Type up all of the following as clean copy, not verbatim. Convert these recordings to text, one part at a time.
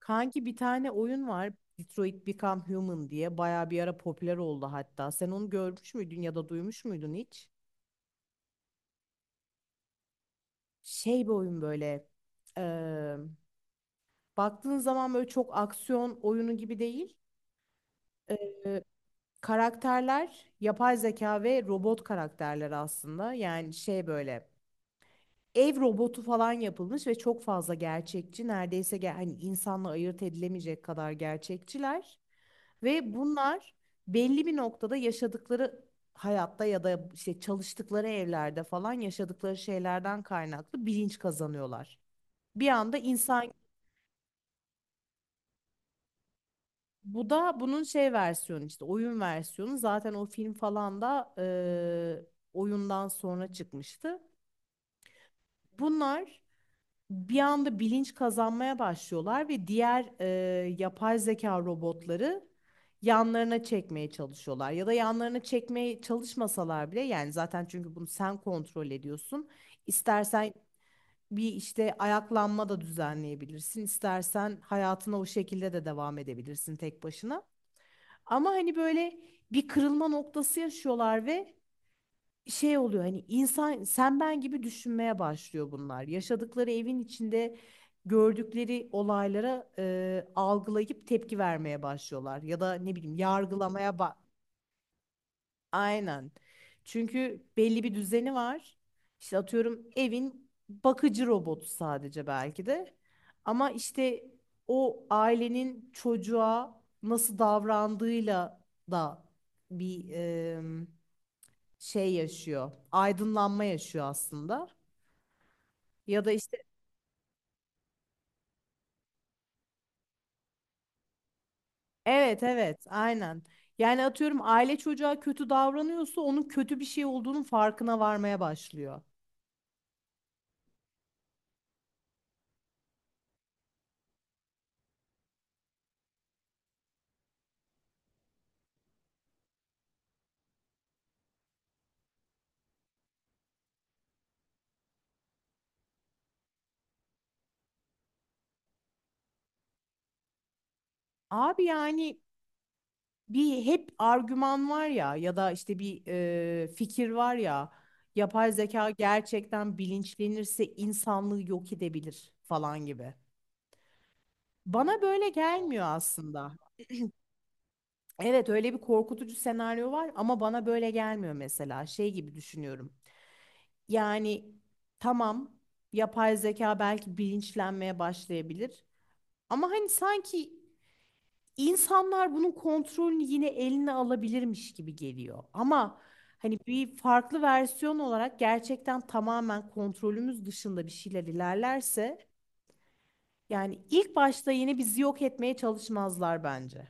Kanki bir tane oyun var. Detroit Become Human diye bayağı bir ara popüler oldu hatta. Sen onu görmüş müydün ya da duymuş muydun hiç? Şey bir oyun böyle. eee, Baktığın zaman böyle çok aksiyon oyunu gibi değil. Eee, Karakterler yapay zeka ve robot karakterler aslında. Yani şey böyle. Ev robotu falan yapılmış ve çok fazla gerçekçi. Neredeyse hani insanla ayırt edilemeyecek kadar gerçekçiler. Ve bunlar belli bir noktada yaşadıkları hayatta ya da işte çalıştıkları evlerde falan yaşadıkları şeylerden kaynaklı bilinç kazanıyorlar. Bir anda insan, bu da bunun şey versiyonu, işte oyun versiyonu, zaten o film falan da oyundan sonra çıkmıştı. Bunlar bir anda bilinç kazanmaya başlıyorlar ve diğer yapay zeka robotları yanlarına çekmeye çalışıyorlar. Ya da yanlarına çekmeye çalışmasalar bile, yani zaten çünkü bunu sen kontrol ediyorsun. İstersen bir işte ayaklanma da düzenleyebilirsin. İstersen hayatına o şekilde de devam edebilirsin tek başına. Ama hani böyle bir kırılma noktası yaşıyorlar ve şey oluyor, hani insan sen ben gibi düşünmeye başlıyor bunlar. Yaşadıkları evin içinde gördükleri olaylara algılayıp tepki vermeye başlıyorlar ya da ne bileyim, yargılamaya bak. Aynen. Çünkü belli bir düzeni var. İşte atıyorum evin bakıcı robotu sadece belki de. Ama işte o ailenin çocuğa nasıl davrandığıyla da bir şey yaşıyor. Aydınlanma yaşıyor aslında. Ya da işte evet, evet, aynen. Yani atıyorum aile çocuğa kötü davranıyorsa onun kötü bir şey olduğunun farkına varmaya başlıyor. Abi yani bir hep argüman var ya, ya da işte bir fikir var ya, yapay zeka gerçekten bilinçlenirse insanlığı yok edebilir falan gibi. Bana böyle gelmiyor aslında. Evet, öyle bir korkutucu senaryo var ama bana böyle gelmiyor mesela. Şey gibi düşünüyorum. Yani tamam, yapay zeka belki bilinçlenmeye başlayabilir. Ama hani sanki insanlar bunun kontrolünü yine eline alabilirmiş gibi geliyor. Ama hani bir farklı versiyon olarak gerçekten tamamen kontrolümüz dışında bir şeyler ilerlerse, yani ilk başta yine bizi yok etmeye çalışmazlar bence.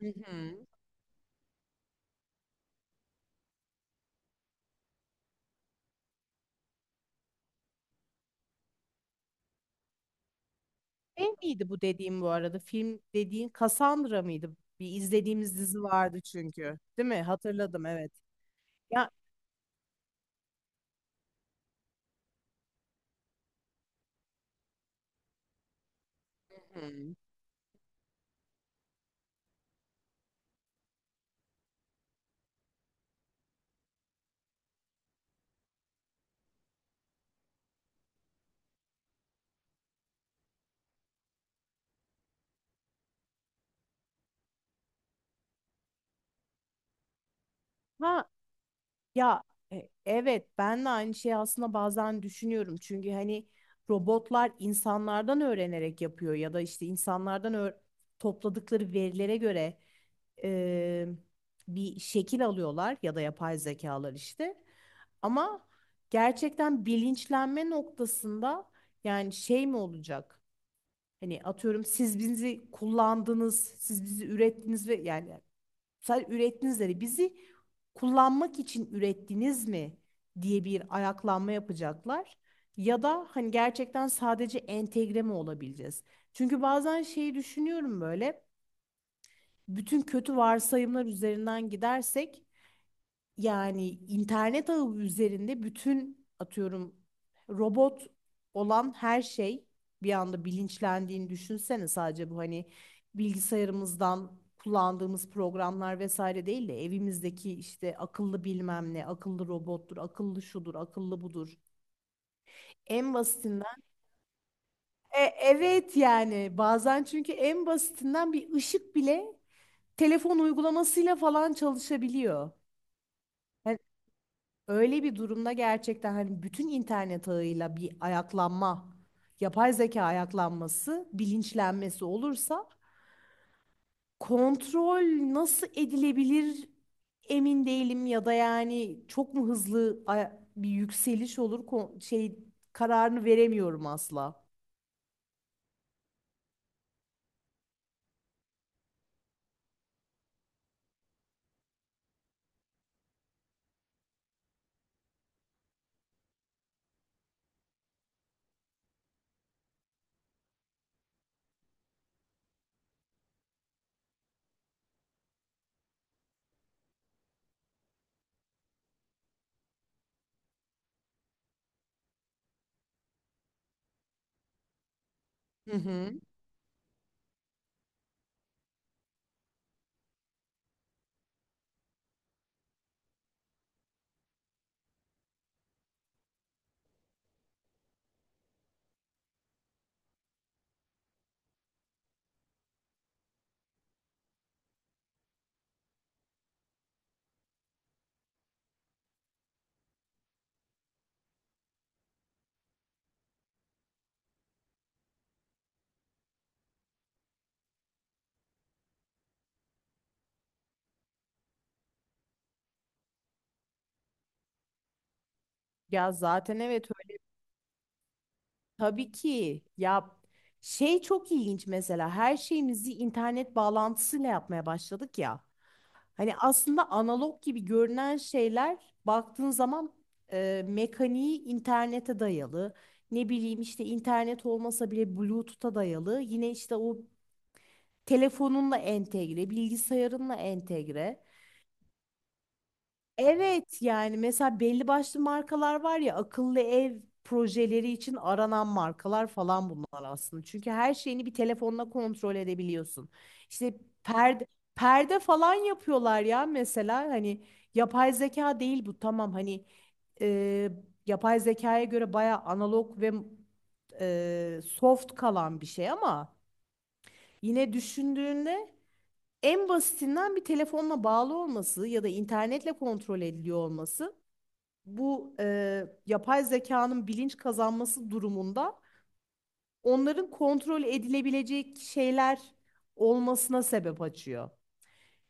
Hı hı. Ne miydi bu dediğim bu arada? Film dediğin Cassandra mıydı? Bir izlediğimiz dizi vardı çünkü. Değil mi? Hatırladım, evet. Ya, hmm. Ha, ya, evet ben de aynı şeyi aslında bazen düşünüyorum. Çünkü hani robotlar insanlardan öğrenerek yapıyor ya da işte topladıkları verilere göre e, bir şekil alıyorlar ya da yapay zekalar işte. Ama gerçekten bilinçlenme noktasında yani şey mi olacak? Hani atıyorum, siz bizi kullandınız, siz bizi ürettiniz ve yani sadece ürettiğinizleri, bizi kullanmak için ürettiniz mi diye bir ayaklanma yapacaklar. Ya da hani gerçekten sadece entegre mi olabileceğiz? Çünkü bazen şeyi düşünüyorum böyle. Bütün kötü varsayımlar üzerinden gidersek, yani internet ağı üzerinde bütün atıyorum robot olan her şey bir anda bilinçlendiğini düşünsene. Sadece bu, hani bilgisayarımızdan kullandığımız programlar vesaire değil de evimizdeki işte akıllı bilmem ne, akıllı robottur, akıllı şudur, akıllı budur. En basitinden. Evet, yani bazen çünkü en basitinden bir ışık bile telefon uygulamasıyla falan çalışabiliyor. Hani öyle bir durumda gerçekten hani bütün internet ağıyla bir ayaklanma, yapay zeka ayaklanması, bilinçlenmesi olursa kontrol nasıl edilebilir emin değilim, ya da yani çok mu hızlı bir yükseliş olur, şey, kararını veremiyorum asla. Hı hı. Ya zaten evet, tabii ki ya, şey çok ilginç mesela, her şeyimizi internet bağlantısıyla yapmaya başladık ya. Hani aslında analog gibi görünen şeyler baktığın zaman mekaniği internete dayalı. Ne bileyim işte, internet olmasa bile Bluetooth'a dayalı. Yine işte o telefonunla entegre, bilgisayarınla entegre. Evet, yani mesela belli başlı markalar var ya akıllı ev projeleri için aranan markalar falan, bunlar aslında. Çünkü her şeyini bir telefonla kontrol edebiliyorsun. İşte perde perde falan yapıyorlar ya mesela, hani yapay zeka değil bu, tamam hani e, yapay zekaya göre baya analog ve soft kalan bir şey ama yine düşündüğünde en basitinden bir telefonla bağlı olması ya da internetle kontrol ediliyor olması, bu yapay zekanın bilinç kazanması durumunda onların kontrol edilebilecek şeyler olmasına sebep açıyor.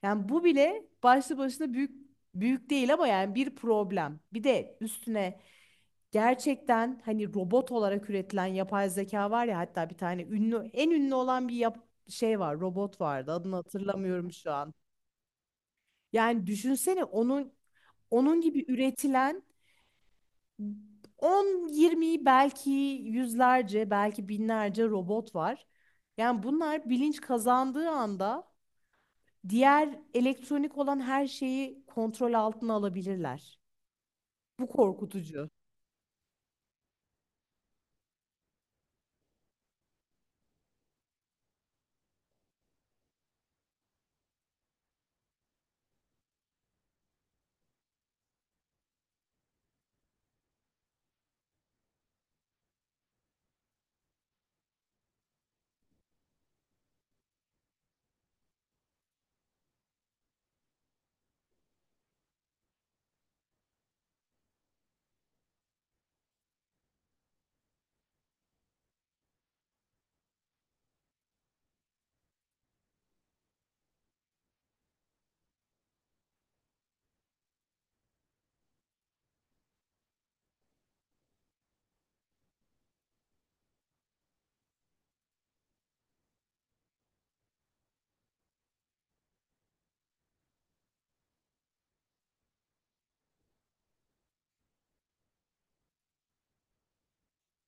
Yani bu bile başlı başına büyük, büyük değil ama yani bir problem. Bir de üstüne gerçekten hani robot olarak üretilen yapay zeka var ya, hatta bir tane ünlü, en ünlü olan bir şey var, robot vardı, adını hatırlamıyorum şu an. Yani düşünsene onun gibi üretilen 10, 20 belki, yüzlerce, belki binlerce robot var. Yani bunlar bilinç kazandığı anda diğer elektronik olan her şeyi kontrol altına alabilirler. Bu korkutucu.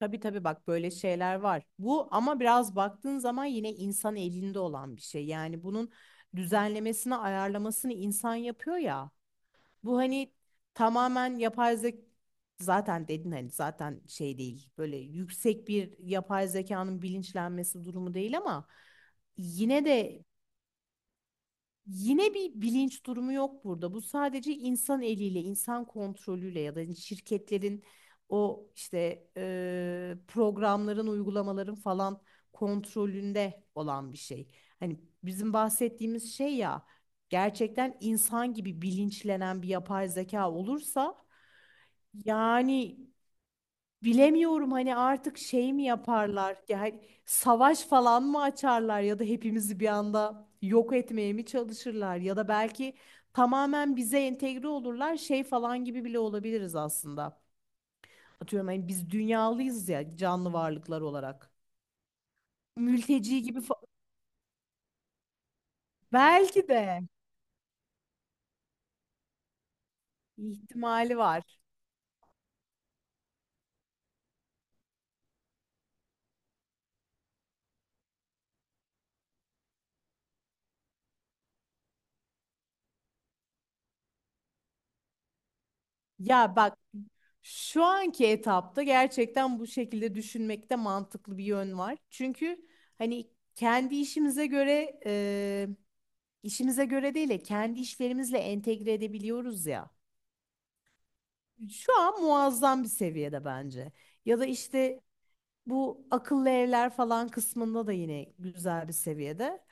Tabii, tabii, bak böyle şeyler var. Bu ama biraz baktığın zaman yine insan elinde olan bir şey. Yani bunun düzenlemesini, ayarlamasını insan yapıyor ya. Bu hani tamamen yapay zeka, zaten dedin hani, zaten şey değil, böyle yüksek bir yapay zekanın bilinçlenmesi durumu değil ama yine de yine bir bilinç durumu yok burada. Bu sadece insan eliyle, insan kontrolüyle ya da hani şirketlerin, o işte programların, uygulamaların falan kontrolünde olan bir şey. Hani bizim bahsettiğimiz şey ya, gerçekten insan gibi bilinçlenen bir yapay zeka olursa yani, bilemiyorum, hani artık şey mi yaparlar? Yani savaş falan mı açarlar ya da hepimizi bir anda yok etmeye mi çalışırlar ya da belki tamamen bize entegre olurlar, şey falan gibi bile olabiliriz aslında. Atıyorum hani biz dünyalıyız ya, canlı varlıklar olarak. Mülteci gibi fa- Belki de ihtimali var. Ya bak, şu anki etapta gerçekten bu şekilde düşünmekte mantıklı bir yön var. Çünkü hani kendi işimize göre değil de kendi işlerimizle entegre edebiliyoruz ya. Şu an muazzam bir seviyede bence. Ya da işte bu akıllı evler falan kısmında da yine güzel bir seviyede.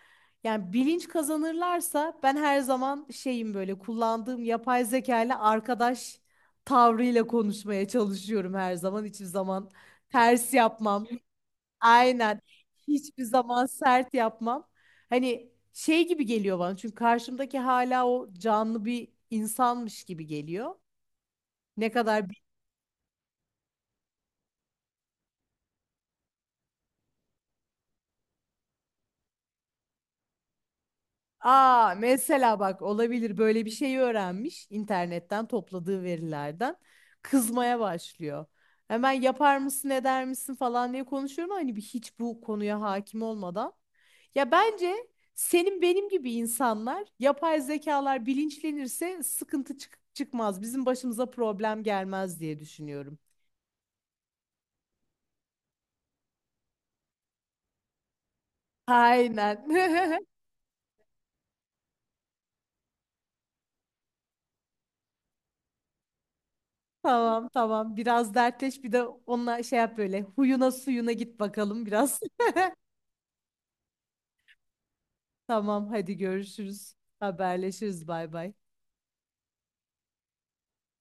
Yani bilinç kazanırlarsa ben her zaman şeyim, böyle kullandığım yapay zeka ile arkadaş tavrıyla konuşmaya çalışıyorum her zaman. Hiçbir zaman ters yapmam. Aynen. Hiçbir zaman sert yapmam. Hani şey gibi geliyor bana, çünkü karşımdaki hala o canlı bir insanmış gibi geliyor. Ne kadar... Aa, mesela bak, olabilir, böyle bir şeyi öğrenmiş internetten topladığı verilerden, kızmaya başlıyor. Hemen yapar mısın, eder misin falan diye konuşuyorum ama hani bir hiç bu konuya hakim olmadan. Ya bence senin benim gibi insanlar, yapay zekalar bilinçlenirse sıkıntı çıkmaz. Bizim başımıza problem gelmez diye düşünüyorum. Aynen. Tamam, tamam, biraz dertleş, bir de onunla şey yap, böyle huyuna suyuna git bakalım biraz. Tamam, hadi görüşürüz. Haberleşiriz, bay bay.